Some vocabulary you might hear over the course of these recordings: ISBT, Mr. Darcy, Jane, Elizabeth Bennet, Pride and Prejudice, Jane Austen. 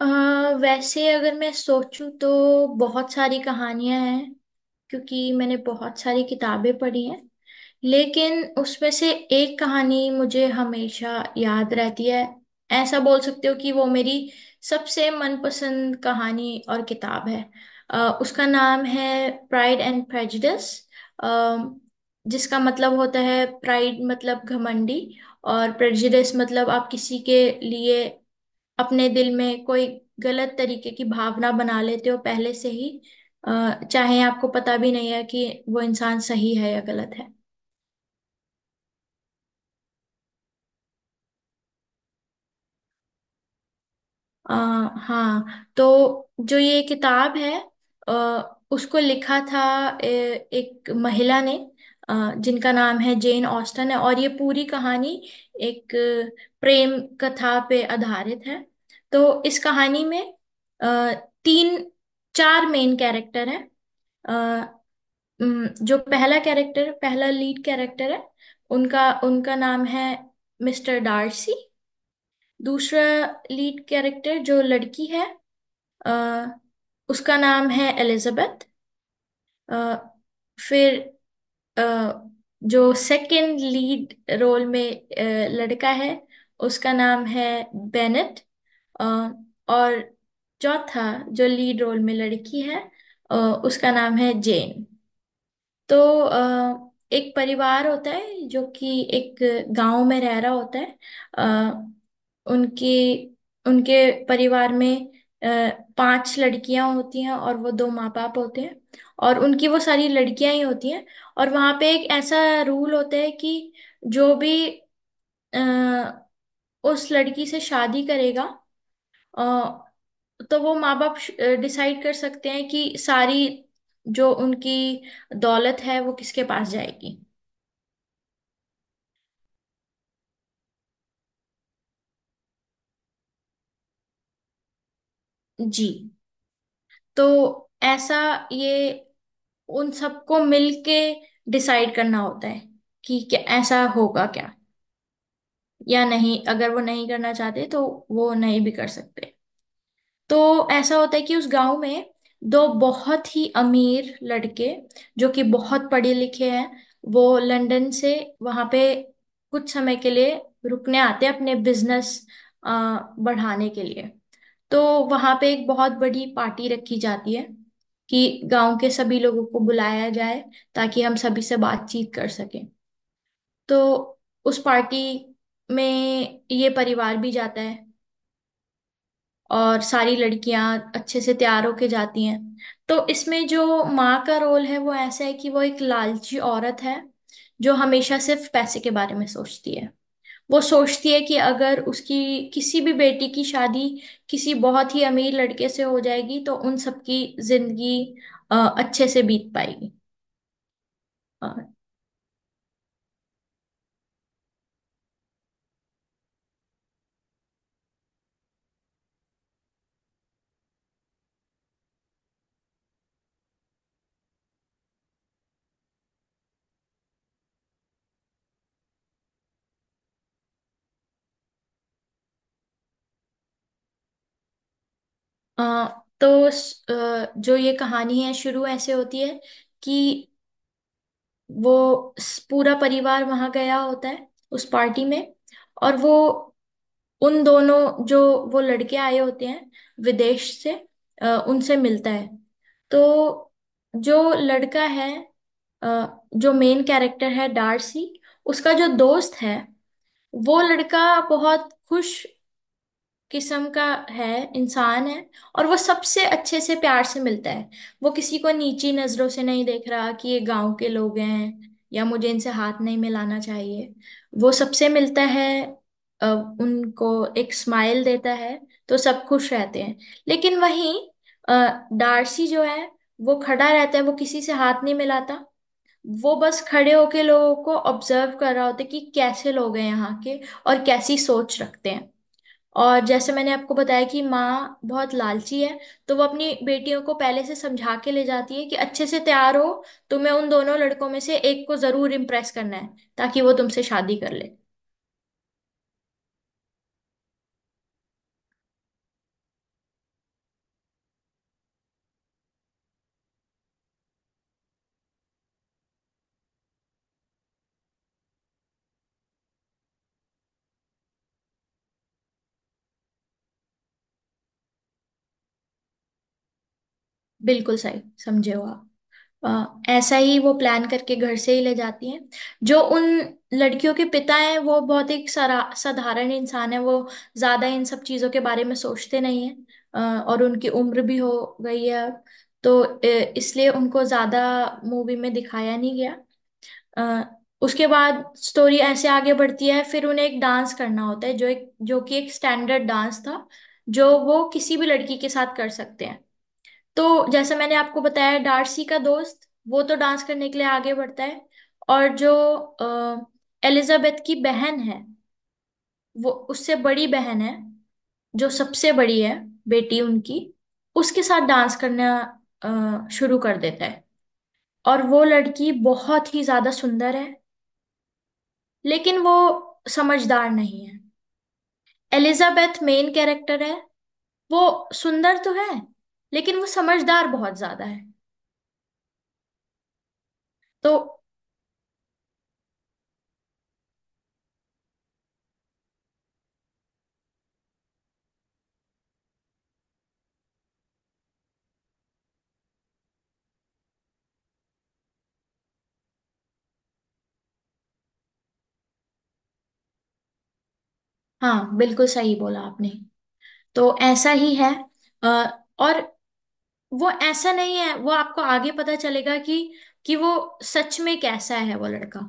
अ, वैसे अगर मैं सोचूं तो बहुत सारी कहानियां हैं क्योंकि मैंने बहुत सारी किताबें पढ़ी हैं। लेकिन उसमें से एक कहानी मुझे हमेशा याद रहती है, ऐसा बोल सकते हो कि वो मेरी सबसे मनपसंद कहानी और किताब है। उसका नाम है प्राइड एंड प्रेजुडिस, जिसका मतलब होता है प्राइड मतलब घमंडी और प्रेजुडिस मतलब आप किसी के लिए अपने दिल में कोई गलत तरीके की भावना बना लेते हो पहले से ही, चाहे आपको पता भी नहीं है कि वो इंसान सही है या गलत है। अ, हाँ, तो जो ये किताब है, उसको लिखा था एक महिला ने, जिनका नाम है जेन ऑस्टन है, और ये पूरी कहानी एक प्रेम कथा पे आधारित है। तो इस कहानी में अ, तीन चार मेन कैरेक्टर हैं। जो पहला कैरेक्टर, पहला लीड कैरेक्टर है उनका उनका नाम है मिस्टर डार्सी। दूसरा लीड कैरेक्टर जो लड़की है, अ, उसका नाम है एलिजाबेथ। अ, फिर, अ, जो सेकंड लीड रोल में लड़का है उसका नाम है बेनेट। अ, और चौथा जो लीड रोल में लड़की है, उसका नाम है जेन। तो एक परिवार होता है जो कि एक गांव में रह रहा होता है। अ, उनकी उनके परिवार में अ, पांच लड़कियां होती हैं और वो दो माँ बाप होते हैं, और उनकी वो सारी लड़कियां ही होती हैं। और वहां पे एक ऐसा रूल होता है कि जो भी अ, उस लड़की से शादी करेगा, अ, तो वो माँ बाप डिसाइड कर सकते हैं कि सारी जो उनकी दौलत है वो किसके पास जाएगी। जी। तो ऐसा, ये उन सबको मिलके डिसाइड करना होता है कि क्या ऐसा होगा क्या या नहीं। अगर वो नहीं करना चाहते तो वो नहीं भी कर सकते। तो ऐसा होता है कि उस गांव में दो बहुत ही अमीर लड़के, जो कि बहुत पढ़े लिखे हैं, वो लंदन से वहां पे कुछ समय के लिए रुकने आते हैं अपने बिजनेस बढ़ाने के लिए। तो वहां पे एक बहुत बड़ी पार्टी रखी जाती है कि गांव के सभी लोगों को बुलाया जाए ताकि हम सभी से बातचीत कर सकें। तो उस पार्टी में ये परिवार भी जाता है और सारी लड़कियां अच्छे से तैयार होके जाती हैं। तो इसमें जो माँ का रोल है वो ऐसा है कि वो एक लालची औरत है जो हमेशा सिर्फ पैसे के बारे में सोचती है। वो सोचती है कि अगर उसकी किसी भी बेटी की शादी किसी बहुत ही अमीर लड़के से हो जाएगी तो उन सबकी जिंदगी अच्छे से बीत पाएगी। अ, तो जो ये कहानी है शुरू ऐसे होती है कि पूरा परिवार वहां गया होता है उस पार्टी में, और वो उन दोनों जो वो लड़के आए होते हैं विदेश से उनसे मिलता है। तो जो लड़का है, अ, जो मेन कैरेक्टर है डार्सी, उसका जो दोस्त है वो लड़का बहुत खुश किस्म का है, इंसान है, और वो सबसे अच्छे से, प्यार से मिलता है। वो किसी को नीची नजरों से नहीं देख रहा कि ये गांव के लोग हैं या मुझे इनसे हाथ नहीं मिलाना चाहिए। वो सबसे मिलता है, अ, उनको एक स्माइल देता है, तो सब खुश रहते हैं। लेकिन वहीं डार्सी जो है वो खड़ा रहता है, वो किसी से हाथ नहीं मिलाता। वो बस खड़े होके लोगों को ऑब्जर्व कर रहा होता है कि कैसे लोग हैं यहाँ के और कैसी सोच रखते हैं। और जैसे मैंने आपको बताया कि माँ बहुत लालची है, तो वो अपनी बेटियों को पहले से समझा के ले जाती है कि अच्छे से तैयार हो, तुम्हें उन दोनों लड़कों में से एक को जरूर इम्प्रेस करना है ताकि वो तुमसे शादी कर ले। बिल्कुल सही समझे हो आप। अ, ऐसा ही वो प्लान करके घर से ही ले जाती हैं। जो उन लड़कियों के पिता हैं, वो बहुत ही सरा साधारण इंसान है, वो ज्यादा इन सब चीजों के बारे में सोचते नहीं है। और उनकी उम्र भी हो गई है अब, तो इसलिए उनको ज्यादा मूवी में दिखाया नहीं गया। अ, उसके बाद स्टोरी ऐसे आगे बढ़ती है, फिर उन्हें एक डांस करना होता है, जो एक, जो कि एक स्टैंडर्ड डांस था जो वो किसी भी लड़की के साथ कर सकते हैं। तो जैसे मैंने आपको बताया, डार्सी का दोस्त वो तो डांस करने के लिए आगे बढ़ता है। और जो एलिजाबेथ की बहन है, वो उससे बड़ी बहन है, जो सबसे बड़ी है बेटी उनकी, उसके साथ डांस करना शुरू कर देता है। और वो लड़की बहुत ही ज्यादा सुंदर है लेकिन वो समझदार नहीं है। एलिजाबेथ मेन कैरेक्टर है, वो सुंदर तो है लेकिन वो समझदार बहुत ज्यादा है। तो हाँ, बिल्कुल सही बोला आपने। तो ऐसा ही है। अ, और वो ऐसा नहीं है, वो आपको आगे पता चलेगा कि वो सच में कैसा है वो लड़का।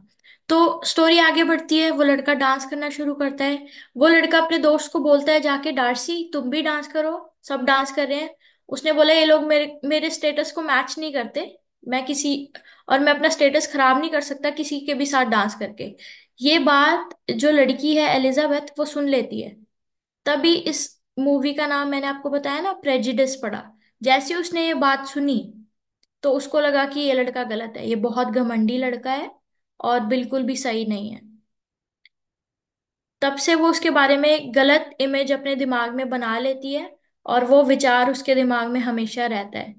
तो स्टोरी आगे बढ़ती है, वो लड़का डांस करना शुरू करता है, वो लड़का अपने दोस्त को बोलता है, जाके डार्सी तुम भी डांस करो, सब डांस कर रहे हैं। उसने बोला ये लोग मेरे मेरे स्टेटस को मैच नहीं करते, मैं किसी, और मैं अपना स्टेटस खराब नहीं कर सकता किसी के भी साथ डांस करके। ये बात जो लड़की है एलिजाबेथ, वो सुन लेती है। तभी इस मूवी का नाम मैंने आपको बताया ना प्रेजिडिस पड़ा। जैसे उसने ये बात सुनी तो उसको लगा कि ये लड़का गलत है, ये बहुत घमंडी लड़का है और बिल्कुल भी सही नहीं है। तब से वो उसके बारे में एक गलत इमेज अपने दिमाग में बना लेती है और वो विचार उसके दिमाग में हमेशा रहता है।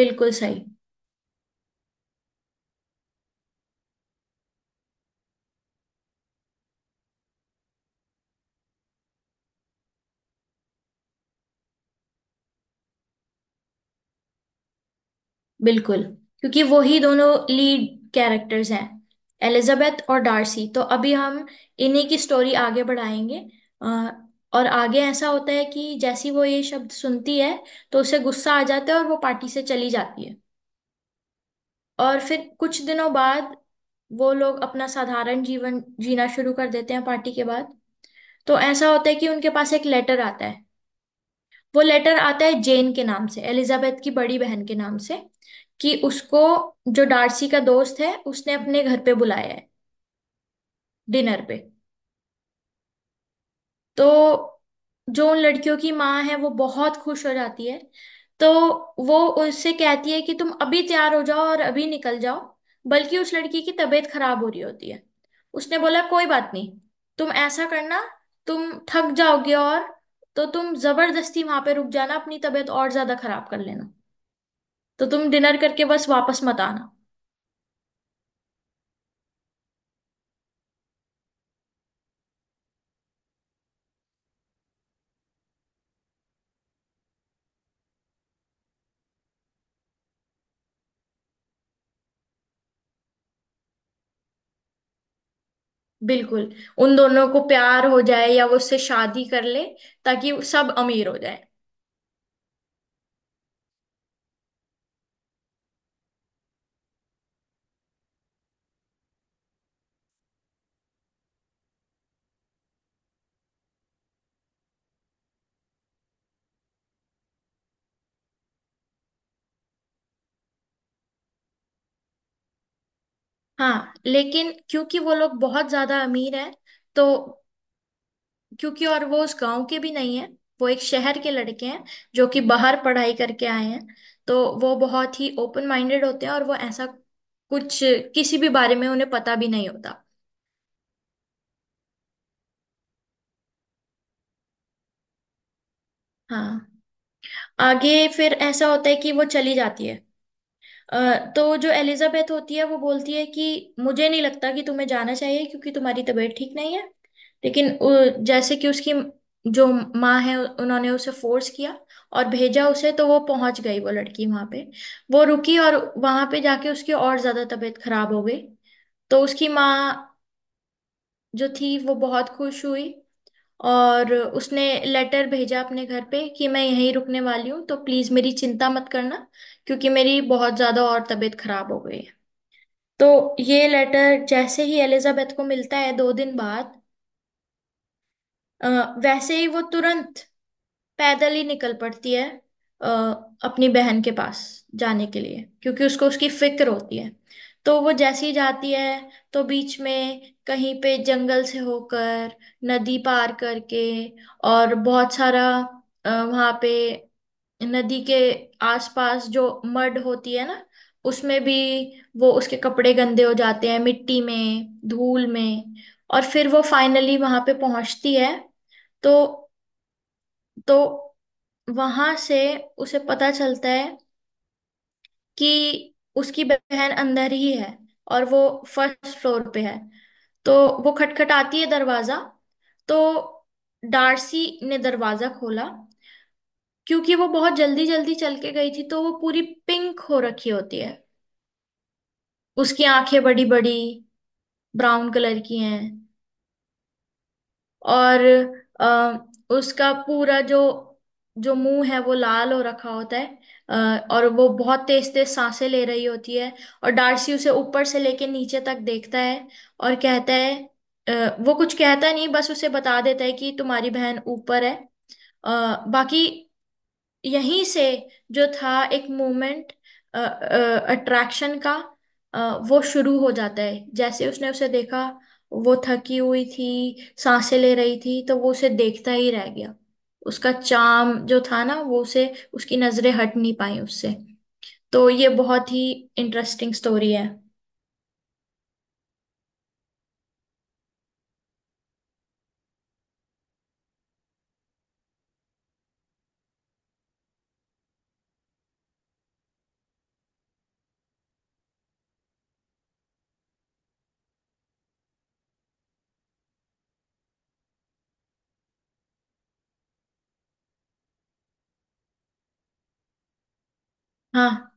बिल्कुल सही। बिल्कुल, क्योंकि वो ही दोनों लीड कैरेक्टर्स हैं एलिजाबेथ और डार्सी, तो अभी हम इन्हीं की स्टोरी आगे बढ़ाएंगे। अ, और आगे ऐसा होता है कि जैसी वो ये शब्द सुनती है तो उसे गुस्सा आ जाता है और वो पार्टी से चली जाती है। और फिर कुछ दिनों बाद वो लोग अपना साधारण जीवन जीना शुरू कर देते हैं पार्टी के बाद। तो ऐसा होता है कि उनके पास एक लेटर आता है। वो लेटर आता है जेन के नाम से, एलिजाबेथ की बड़ी बहन के नाम से, कि उसको जो डार्सी का दोस्त है उसने अपने घर पे बुलाया है डिनर पे। तो जो उन लड़कियों की माँ है वो बहुत खुश हो जाती है। तो वो उससे कहती है कि तुम अभी तैयार हो जाओ और अभी निकल जाओ। बल्कि उस लड़की की तबीयत खराब हो रही होती है। उसने बोला कोई बात नहीं, तुम ऐसा करना, तुम थक जाओगे और तो तुम जबरदस्ती वहां पे रुक जाना, अपनी तबीयत और ज्यादा खराब कर लेना। तो तुम डिनर करके बस वापस मत आना। बिल्कुल। उन दोनों को प्यार हो जाए या वो उससे शादी कर ले, ताकि वो सब अमीर हो जाए। हाँ, लेकिन क्योंकि वो लोग बहुत ज्यादा अमीर हैं, तो क्योंकि, और वो उस गांव के भी नहीं है, वो एक शहर के लड़के हैं जो कि बाहर पढ़ाई करके आए हैं। तो वो बहुत ही ओपन माइंडेड होते हैं और वो ऐसा कुछ, किसी भी बारे में उन्हें पता भी नहीं होता। हाँ। आगे फिर ऐसा होता है कि वो चली जाती है। अ, तो जो एलिजाबेथ होती है वो बोलती है कि मुझे नहीं लगता कि तुम्हें जाना चाहिए क्योंकि तुम्हारी तबीयत ठीक नहीं है। लेकिन जैसे कि उसकी जो माँ है उन्होंने उसे फोर्स किया और भेजा उसे, तो वो पहुंच गई वो लड़की वहां पे। वो रुकी और वहां पे जाके उसकी और ज्यादा तबीयत खराब हो गई। तो उसकी माँ जो थी वो बहुत खुश हुई, और उसने लेटर भेजा अपने घर पे कि मैं यहीं रुकने वाली हूँ तो प्लीज मेरी चिंता मत करना क्योंकि मेरी बहुत ज्यादा और तबीयत खराब हो गई। तो ये लेटर जैसे ही एलिजाबेथ को मिलता है 2 दिन बाद, अ, वैसे ही वो तुरंत पैदल ही निकल पड़ती है अ, अपनी बहन के पास जाने के लिए, क्योंकि उसको उसकी फिक्र होती है। तो वो जैसी जाती है, तो बीच में कहीं पे जंगल से होकर, नदी पार करके, और बहुत सारा वहाँ पे नदी के आसपास जो मड होती है ना उसमें भी, वो उसके कपड़े गंदे हो जाते हैं मिट्टी में, धूल में, और फिर वो फाइनली वहां पे पहुंचती है। तो तो वहां से उसे पता चलता है कि उसकी बहन अंदर ही है और वो फर्स्ट फ्लोर पे है। तो वो खटखटाती है दरवाजा, तो डार्सी ने दरवाजा खोला। क्योंकि वो बहुत जल्दी जल्दी चल के गई थी तो वो पूरी पिंक हो रखी होती है, उसकी आंखें बड़ी बड़ी ब्राउन कलर की हैं, और आ, उसका पूरा जो जो मुंह है वो लाल हो रखा होता है, अ, और वो बहुत तेज तेज सांसें ले रही होती है। और डार्सी उसे ऊपर से लेके नीचे तक देखता है और कहता है, वो कुछ कहता नहीं, बस उसे बता देता है कि तुम्हारी बहन ऊपर है। बाकी यहीं से जो था एक मूवमेंट अट्रैक्शन का, अ, वो शुरू हो जाता है जैसे उसने उसे देखा। वो थकी हुई थी, सांसें ले रही थी, तो वो उसे देखता ही रह गया। उसका चार्म जो था ना, वो उसे, उसकी नजरें हट नहीं पाई उससे। तो ये बहुत ही इंटरेस्टिंग स्टोरी है। हाँ